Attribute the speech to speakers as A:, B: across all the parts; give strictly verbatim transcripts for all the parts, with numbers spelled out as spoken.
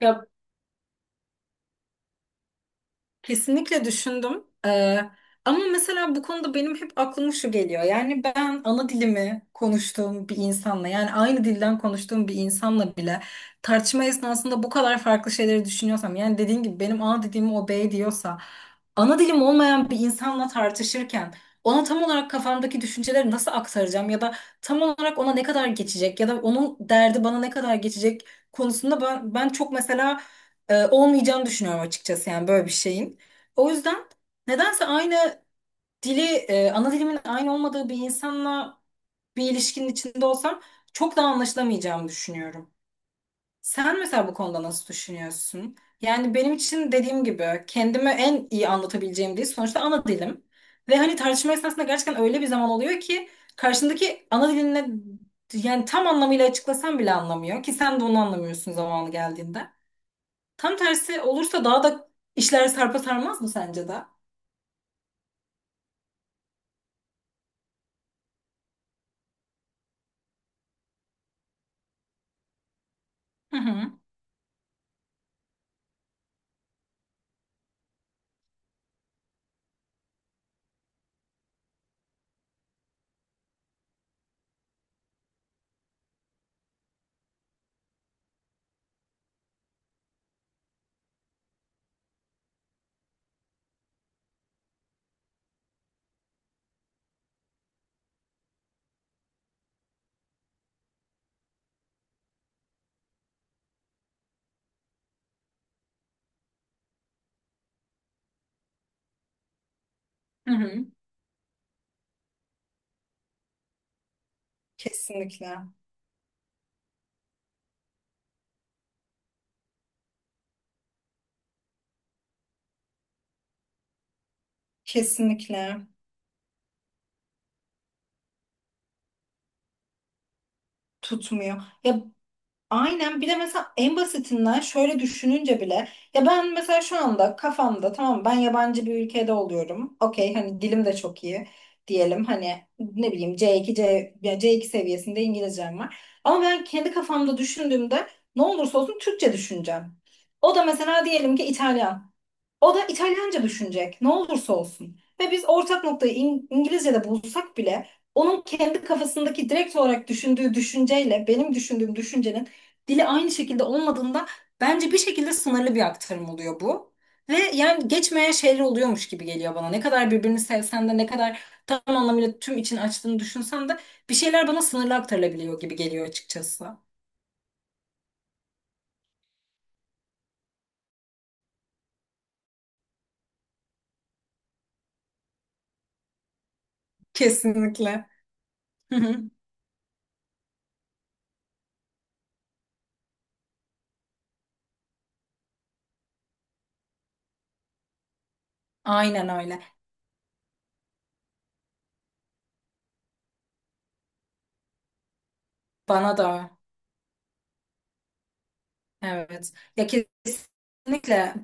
A: Ya, kesinlikle düşündüm. Ee, ama mesela bu konuda benim hep aklıma şu geliyor. Yani ben ana dilimi konuştuğum bir insanla yani aynı dilden konuştuğum bir insanla bile tartışma esnasında bu kadar farklı şeyleri düşünüyorsam, yani dediğin gibi benim ana dilimi o bey diyorsa, ana dilim olmayan bir insanla tartışırken ona tam olarak kafamdaki düşünceleri nasıl aktaracağım, ya da tam olarak ona ne kadar geçecek ya da onun derdi bana ne kadar geçecek konusunda ben, ben çok mesela e, olmayacağını düşünüyorum açıkçası, yani böyle bir şeyin. O yüzden nedense aynı dili, e, ana dilimin aynı olmadığı bir insanla bir ilişkinin içinde olsam çok daha anlaşılamayacağımı düşünüyorum. Sen mesela bu konuda nasıl düşünüyorsun? Yani benim için dediğim gibi kendimi en iyi anlatabileceğim dil sonuçta ana dilim. Ve hani tartışma esnasında gerçekten öyle bir zaman oluyor ki karşındaki ana diline yani tam anlamıyla açıklasan bile anlamıyor ki, sen de onu anlamıyorsun zamanı geldiğinde. Tam tersi olursa daha da işler sarpa sarmaz mı sence de? Hı hı. Hı hı. Kesinlikle. Kesinlikle tutmuyor. Ya, aynen. Bir de mesela en basitinden şöyle düşününce bile, ya ben mesela şu anda kafamda tamam, ben yabancı bir ülkede oluyorum. Okey, hani dilim de çok iyi diyelim, hani ne bileyim ce iki, C, ya ce iki seviyesinde İngilizcem var. Ama ben kendi kafamda düşündüğümde ne olursa olsun Türkçe düşüneceğim. O da mesela diyelim ki İtalyan. O da İtalyanca düşünecek ne olursa olsun. Ve biz ortak noktayı İng- İngilizce'de bulsak bile onun kendi kafasındaki direkt olarak düşündüğü düşünceyle benim düşündüğüm düşüncenin dili aynı şekilde olmadığında bence bir şekilde sınırlı bir aktarım oluyor bu. Ve yani geçmeyen şeyler oluyormuş gibi geliyor bana. Ne kadar birbirini sevsen de, ne kadar tam anlamıyla tüm için açtığını düşünsen de bir şeyler bana sınırlı aktarılabiliyor gibi geliyor açıkçası. Kesinlikle. Hı hı. Aynen öyle. Bana da, evet. Ya, kesinlikle.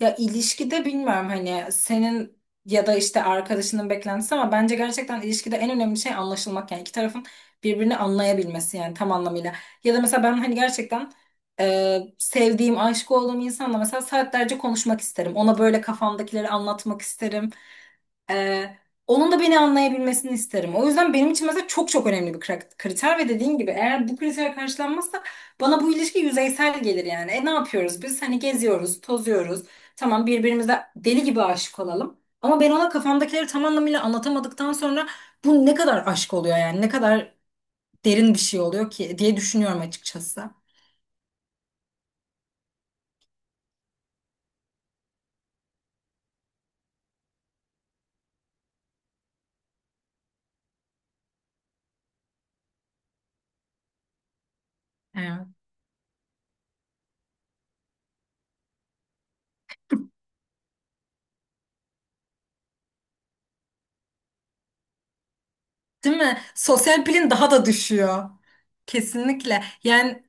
A: Ya, ilişkide bilmiyorum hani senin ya da işte arkadaşının beklentisi, ama bence gerçekten ilişkide en önemli şey anlaşılmak, yani iki tarafın birbirini anlayabilmesi yani tam anlamıyla. Ya da mesela ben hani gerçekten e, sevdiğim, aşık olduğum insanla mesela saatlerce konuşmak isterim. Ona böyle kafamdakileri anlatmak isterim. Ee, onun da beni anlayabilmesini isterim. O yüzden benim için mesela çok çok önemli bir kra- kriter ve dediğin gibi eğer bu kriter karşılanmazsa bana bu ilişki yüzeysel gelir yani. E, ne yapıyoruz biz? Hani geziyoruz, tozuyoruz. Tamam, birbirimize deli gibi aşık olalım. Ama ben ona kafamdakileri tam anlamıyla anlatamadıktan sonra bu ne kadar aşk oluyor yani? Ne kadar derin bir şey oluyor ki diye düşünüyorum açıkçası. Evet. Değil mi? Sosyal pilin daha da düşüyor. Kesinlikle. Yani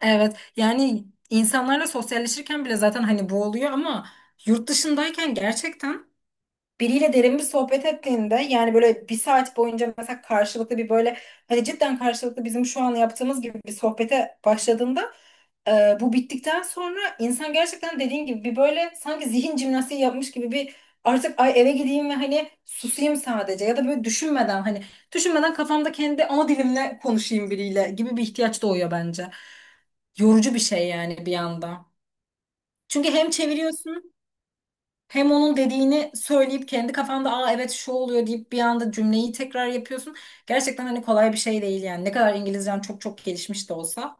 A: evet, yani insanlarla sosyalleşirken bile zaten hani bu oluyor ama yurt dışındayken gerçekten biriyle derin bir sohbet ettiğinde, yani böyle bir saat boyunca mesela karşılıklı bir böyle, hani cidden karşılıklı bizim şu an yaptığımız gibi bir sohbete başladığında e, bu bittikten sonra insan gerçekten dediğin gibi bir böyle sanki zihin jimnastiği yapmış gibi bir, artık ay eve gideyim ve hani susayım sadece ya da böyle düşünmeden, hani düşünmeden kafamda kendi ana dilimle konuşayım biriyle gibi bir ihtiyaç doğuyor bence. Yorucu bir şey yani bir yanda. Çünkü hem çeviriyorsun hem onun dediğini söyleyip kendi kafanda, aa evet şu oluyor deyip bir anda cümleyi tekrar yapıyorsun. Gerçekten hani kolay bir şey değil yani. Ne kadar İngilizcen çok çok gelişmiş de olsa.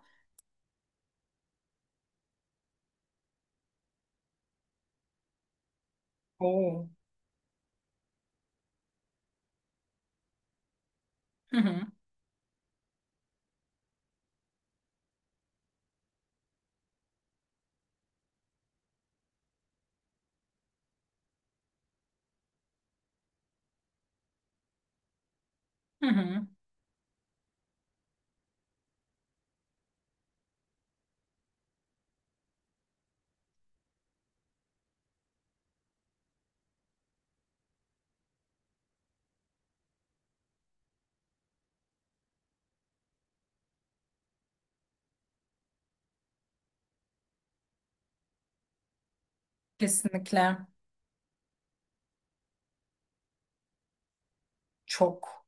A: Oo. Hı hı. Hı hı. Kesinlikle çok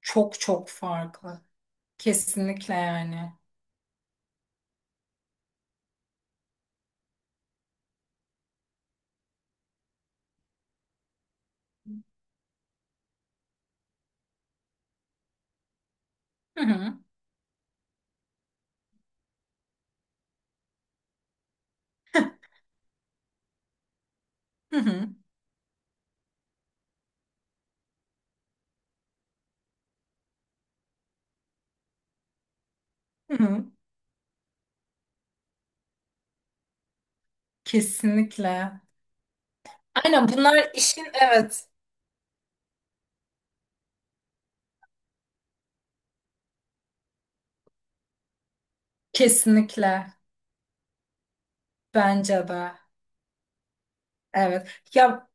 A: çok çok farklı. Kesinlikle yani. Hı hı. Hı hı. Hı hı. Kesinlikle. Aynen, bunlar işin evet. Kesinlikle. Bence de. Evet. Ya,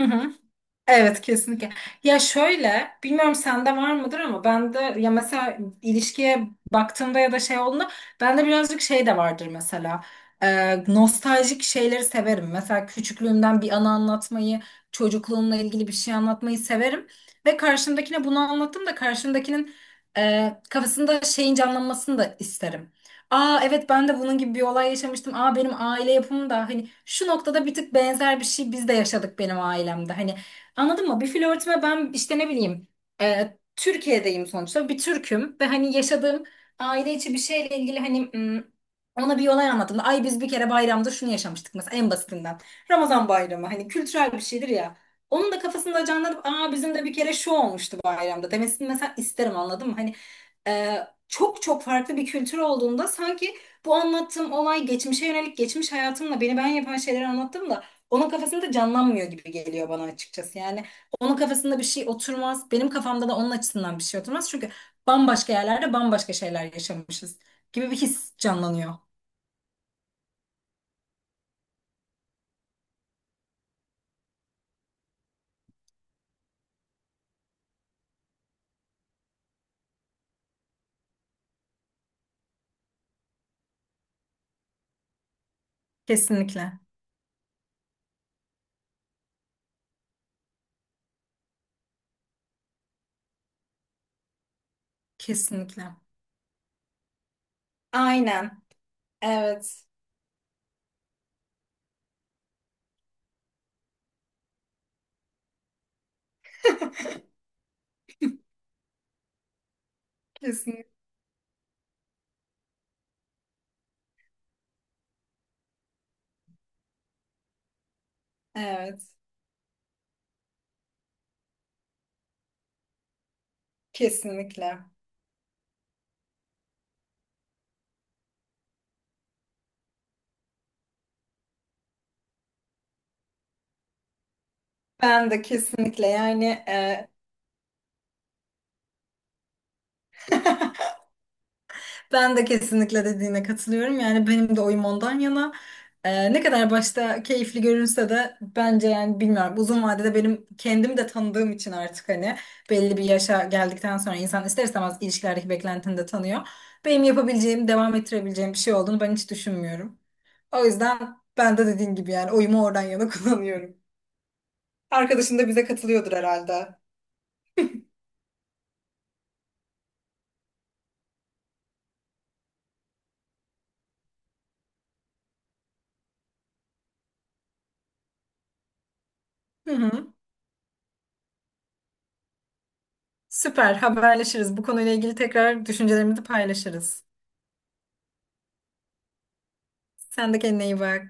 A: hı hı. Evet, kesinlikle. Ya şöyle, bilmiyorum sende var mıdır ama bende, ya mesela ilişkiye baktığımda ya da şey olduğunda bende birazcık şey de vardır mesela. Ee, nostaljik şeyleri severim. Mesela küçüklüğümden bir anı anlatmayı, çocukluğumla ilgili bir şey anlatmayı severim. Ve karşımdakine bunu anlattım da karşımdakinin e, kafasında şeyin canlanmasını da isterim. Aa evet, ben de bunun gibi bir olay yaşamıştım. Aa benim aile yapım da hani şu noktada bir tık benzer bir şey biz de yaşadık benim ailemde. Hani anladın mı? Bir flörtüme ben işte ne bileyim, e, Türkiye'deyim sonuçta, bir Türk'üm ve hani yaşadığım aile içi bir şeyle ilgili hani m, ona bir olay anlattım. Ay, biz bir kere bayramda şunu yaşamıştık mesela en basitinden. Ramazan bayramı hani kültürel bir şeydir ya. Onun da kafasında canlanıp aa bizim de bir kere şu olmuştu bayramda demesini mesela isterim, anladın mı? Hani e, çok çok farklı bir kültür olduğunda sanki bu anlattığım olay, geçmişe yönelik geçmiş hayatımla beni ben yapan şeyleri anlattım da onun kafasında canlanmıyor gibi geliyor bana açıkçası. Yani onun kafasında bir şey oturmaz. Benim kafamda da onun açısından bir şey oturmaz. Çünkü bambaşka yerlerde bambaşka şeyler yaşamışız gibi bir his canlanıyor. Kesinlikle. Kesinlikle. Aynen. Evet. Kesinlikle. Evet. Kesinlikle. Ben de kesinlikle yani. Ben de kesinlikle dediğine katılıyorum. Yani benim de oyum ondan yana. Ee, ne kadar başta keyifli görünse de bence yani, bilmiyorum, uzun vadede benim kendim de tanıdığım için artık hani belli bir yaşa geldikten sonra insan ister istemez ilişkilerdeki beklentini de tanıyor. Benim yapabileceğim, devam ettirebileceğim bir şey olduğunu ben hiç düşünmüyorum. O yüzden ben de dediğin gibi yani oyumu oradan yana kullanıyorum. Arkadaşın da bize katılıyordur herhalde. Hı hı. Süper, haberleşiriz. Bu konuyla ilgili tekrar düşüncelerimizi paylaşırız. Sen de kendine iyi bak.